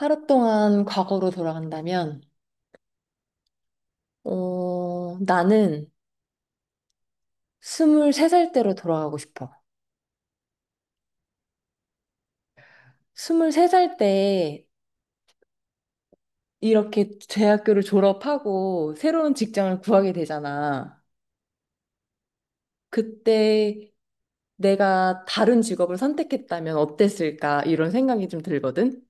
하루 동안 과거로 돌아간다면, 어, 나는 23살 때로 돌아가고 싶어. 23살 때 이렇게 대학교를 졸업하고 새로운 직장을 구하게 되잖아. 그때 내가 다른 직업을 선택했다면 어땠을까? 이런 생각이 좀 들거든?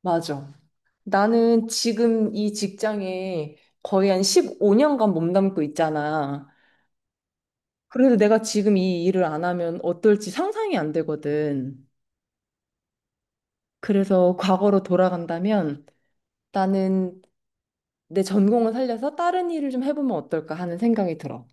맞아. 나는 지금 이 직장에 거의 한 15년간 몸담고 있잖아. 그래서 내가 지금 이 일을 안 하면 어떨지 상상이 안 되거든. 그래서 과거로 돌아간다면 나는 내 전공을 살려서 다른 일을 좀 해보면 어떨까 하는 생각이 들어.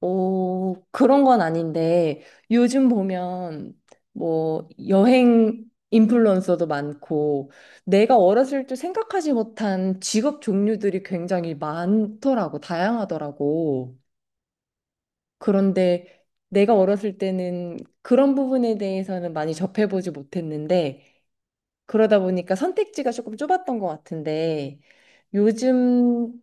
오, 그런 건 아닌데 요즘 보면 뭐 여행 인플루언서도 많고 내가 어렸을 때 생각하지 못한 직업 종류들이 굉장히 많더라고, 다양하더라고. 그런데 내가 어렸을 때는 그런 부분에 대해서는 많이 접해보지 못했는데 그러다 보니까 선택지가 조금 좁았던 것 같은데 요즘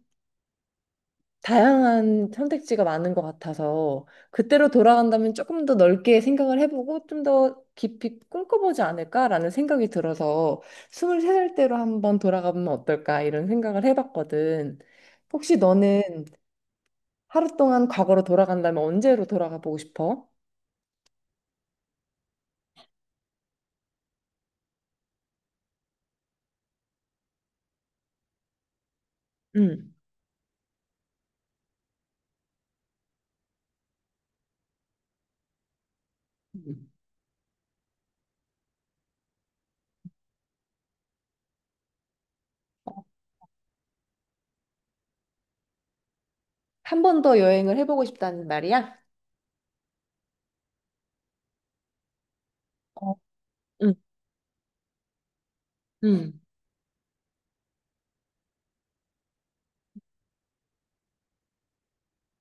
다양한 선택지가 많은 것 같아서 그때로 돌아간다면 조금 더 넓게 생각을 해보고 좀 더 깊이 꿈꿔보지 않을까라는 생각이 들어서 23살 때로 한번 돌아가면 어떨까 이런 생각을 해봤거든. 혹시 너는 하루 동안 과거로 돌아간다면 언제로 돌아가 보고 싶어? 응. 음. 한 번 더 여행을 해보고 싶다는 말이야? 어, 응, 응,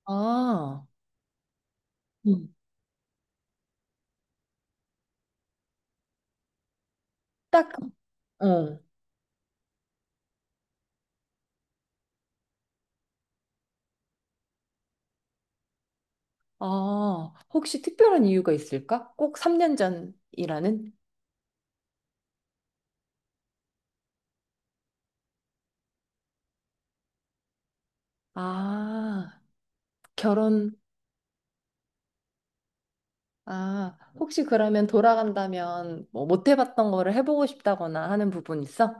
아. 딱, 어. 아, 혹시 특별한 이유가 있을까? 꼭 3년 전이라는? 아, 결혼, 아, 혹시 그러면 돌아간다면 뭐 못 해봤던 거를 해보고 싶다거나 하는 부분 있어?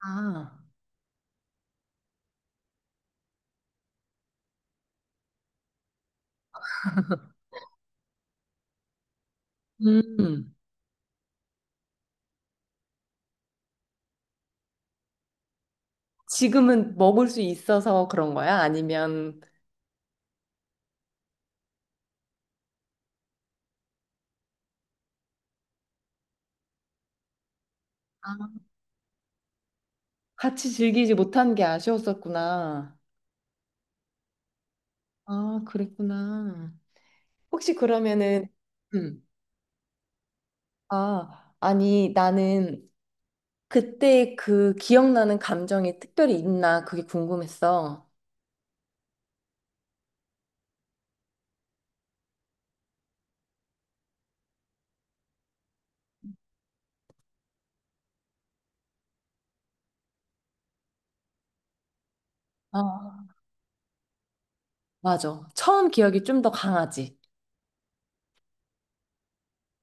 아, 음, 지금은 먹을 수 있어서 그런 거야? 아니면 아, 같이 즐기지 못한 게 아쉬웠었구나. 아, 그랬구나. 혹시 그러면은, 음, 아, 아니, 나는 그때 그 기억나는 감정이 특별히 있나 그게 궁금했어. 아, 맞아. 처음 기억이 좀 더 강하지.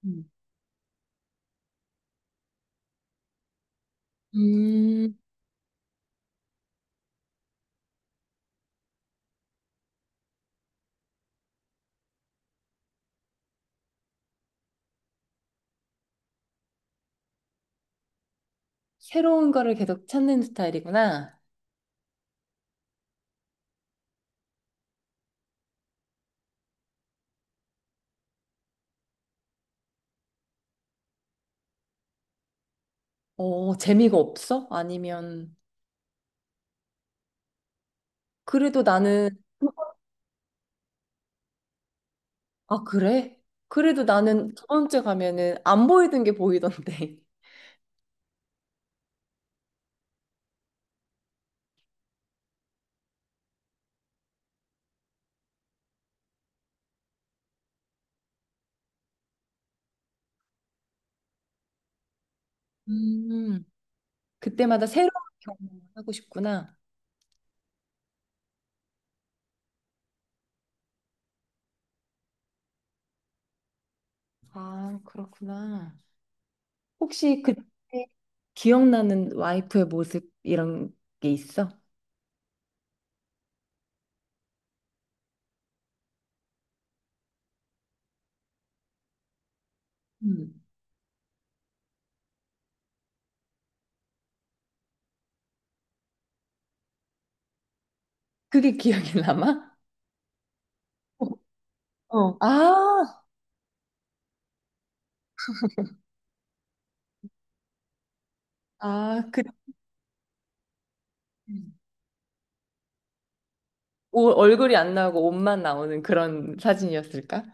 음. 음, 새로운 거를 계속 찾는 스타일이구나. 어, 재미가 없어? 아니면, 그래도 나는, 아, 그래? 그래도 나는 저번 주에 가면은 안 보이던 게 보이던데. 음, 그때마다 새로운 경험을 하고 싶구나. 아, 그렇구나. 혹시 그때 기억나는 와이프의 모습 이런 게 있어? 음. 그게 기억이 남아? 어. 어. 아, 아, 그 음. 얼굴이 안 나오고 옷만 나오는 그런 사진이었을까?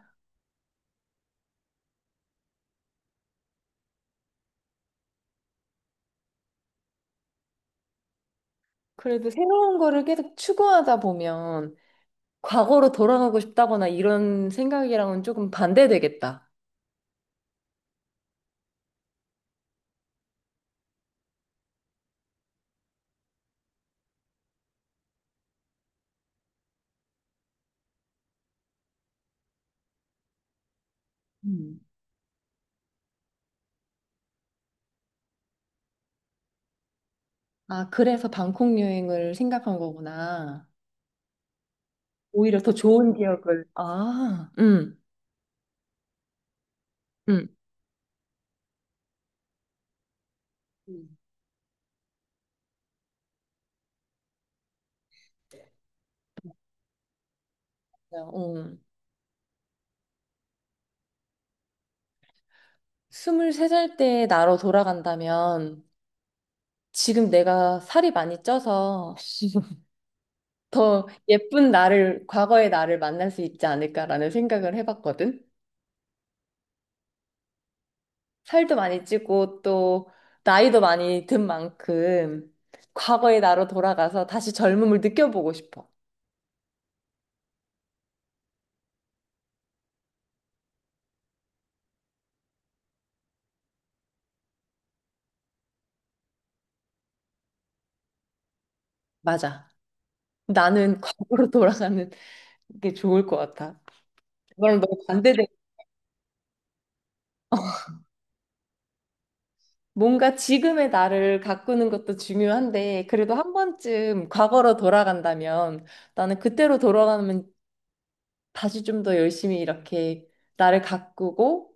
그래도 새로운 거를 계속 추구하다 보면 과거로 돌아가고 싶다거나 이런 생각이랑은 조금 반대되겠다. 음. 아, 그래서 방콕 여행을 생각한 거구나. 오히려 더 좋은 기억을. 아, 응, 응. 음. 음. 음. 어. 23살 때 나로 돌아간다면 지금 내가 살이 많이 쪄서 더 예쁜 나를, 과거의 나를 만날 수 있지 않을까라는 생각을 해봤거든. 살도 많이 찌고 또 나이도 많이 든 만큼 과거의 나로 돌아가서 다시 젊음을 느껴보고 싶어. 맞아. 나는 과거로 돌아가는 게 좋을 것 같아. 그거랑 너무 반대되는 뭔가 지금의 나를 가꾸는 것도 중요한데, 그래도 한 번쯤 과거로 돌아간다면, 나는 그때로 돌아가면 다시 좀 더 열심히 이렇게 나를 가꾸고,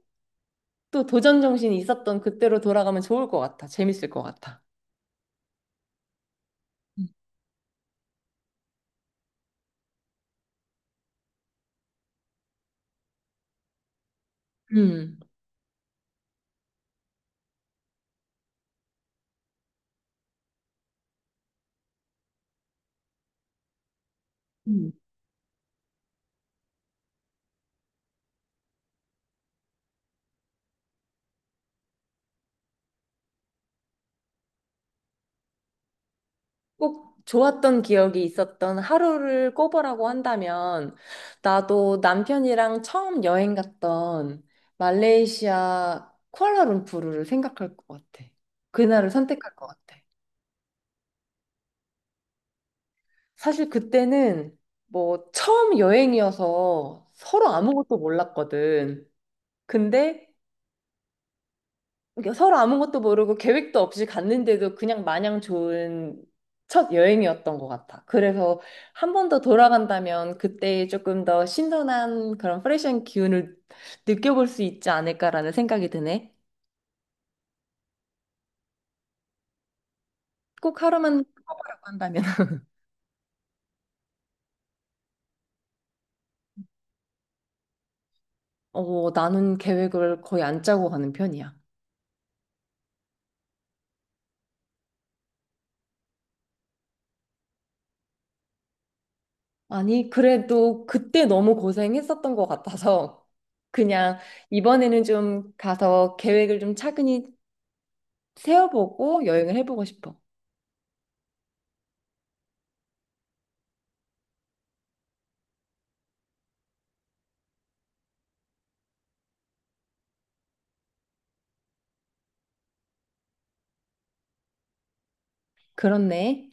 또 도전 정신이 있었던 그때로 돌아가면 좋을 것 같아. 재밌을 것 같아. 음. 음. 꼭 좋았던 기억이 있었던 하루를 꼽으라고 한다면, 나도 남편이랑 처음 여행 갔던 말레이시아 쿠알라룸푸르를 생각할 것 같아. 그날을 선택할 것 같아. 사실 그때는 뭐 처음 여행이어서 서로 아무것도 몰랐거든. 근데 그러니까 서로 아무것도 모르고 계획도 없이 갔는데도 그냥 마냥 좋은 첫 여행이었던 것 같아. 그래서 한 번 더 돌아간다면 그때 조금 더 신선한 그런 프레시한 기운을 느껴볼 수 있지 않을까라는 생각이 드네. 꼭 하루만 뽑으라고 한다면. 어, 나는 계획을 거의 안 짜고 가는 편이야. 아니, 그래도 그때 너무 고생했었던 것 같아서 그냥 이번에는 좀 가서 계획을 좀 차근히 세워보고 여행을 해보고 싶어. 그렇네.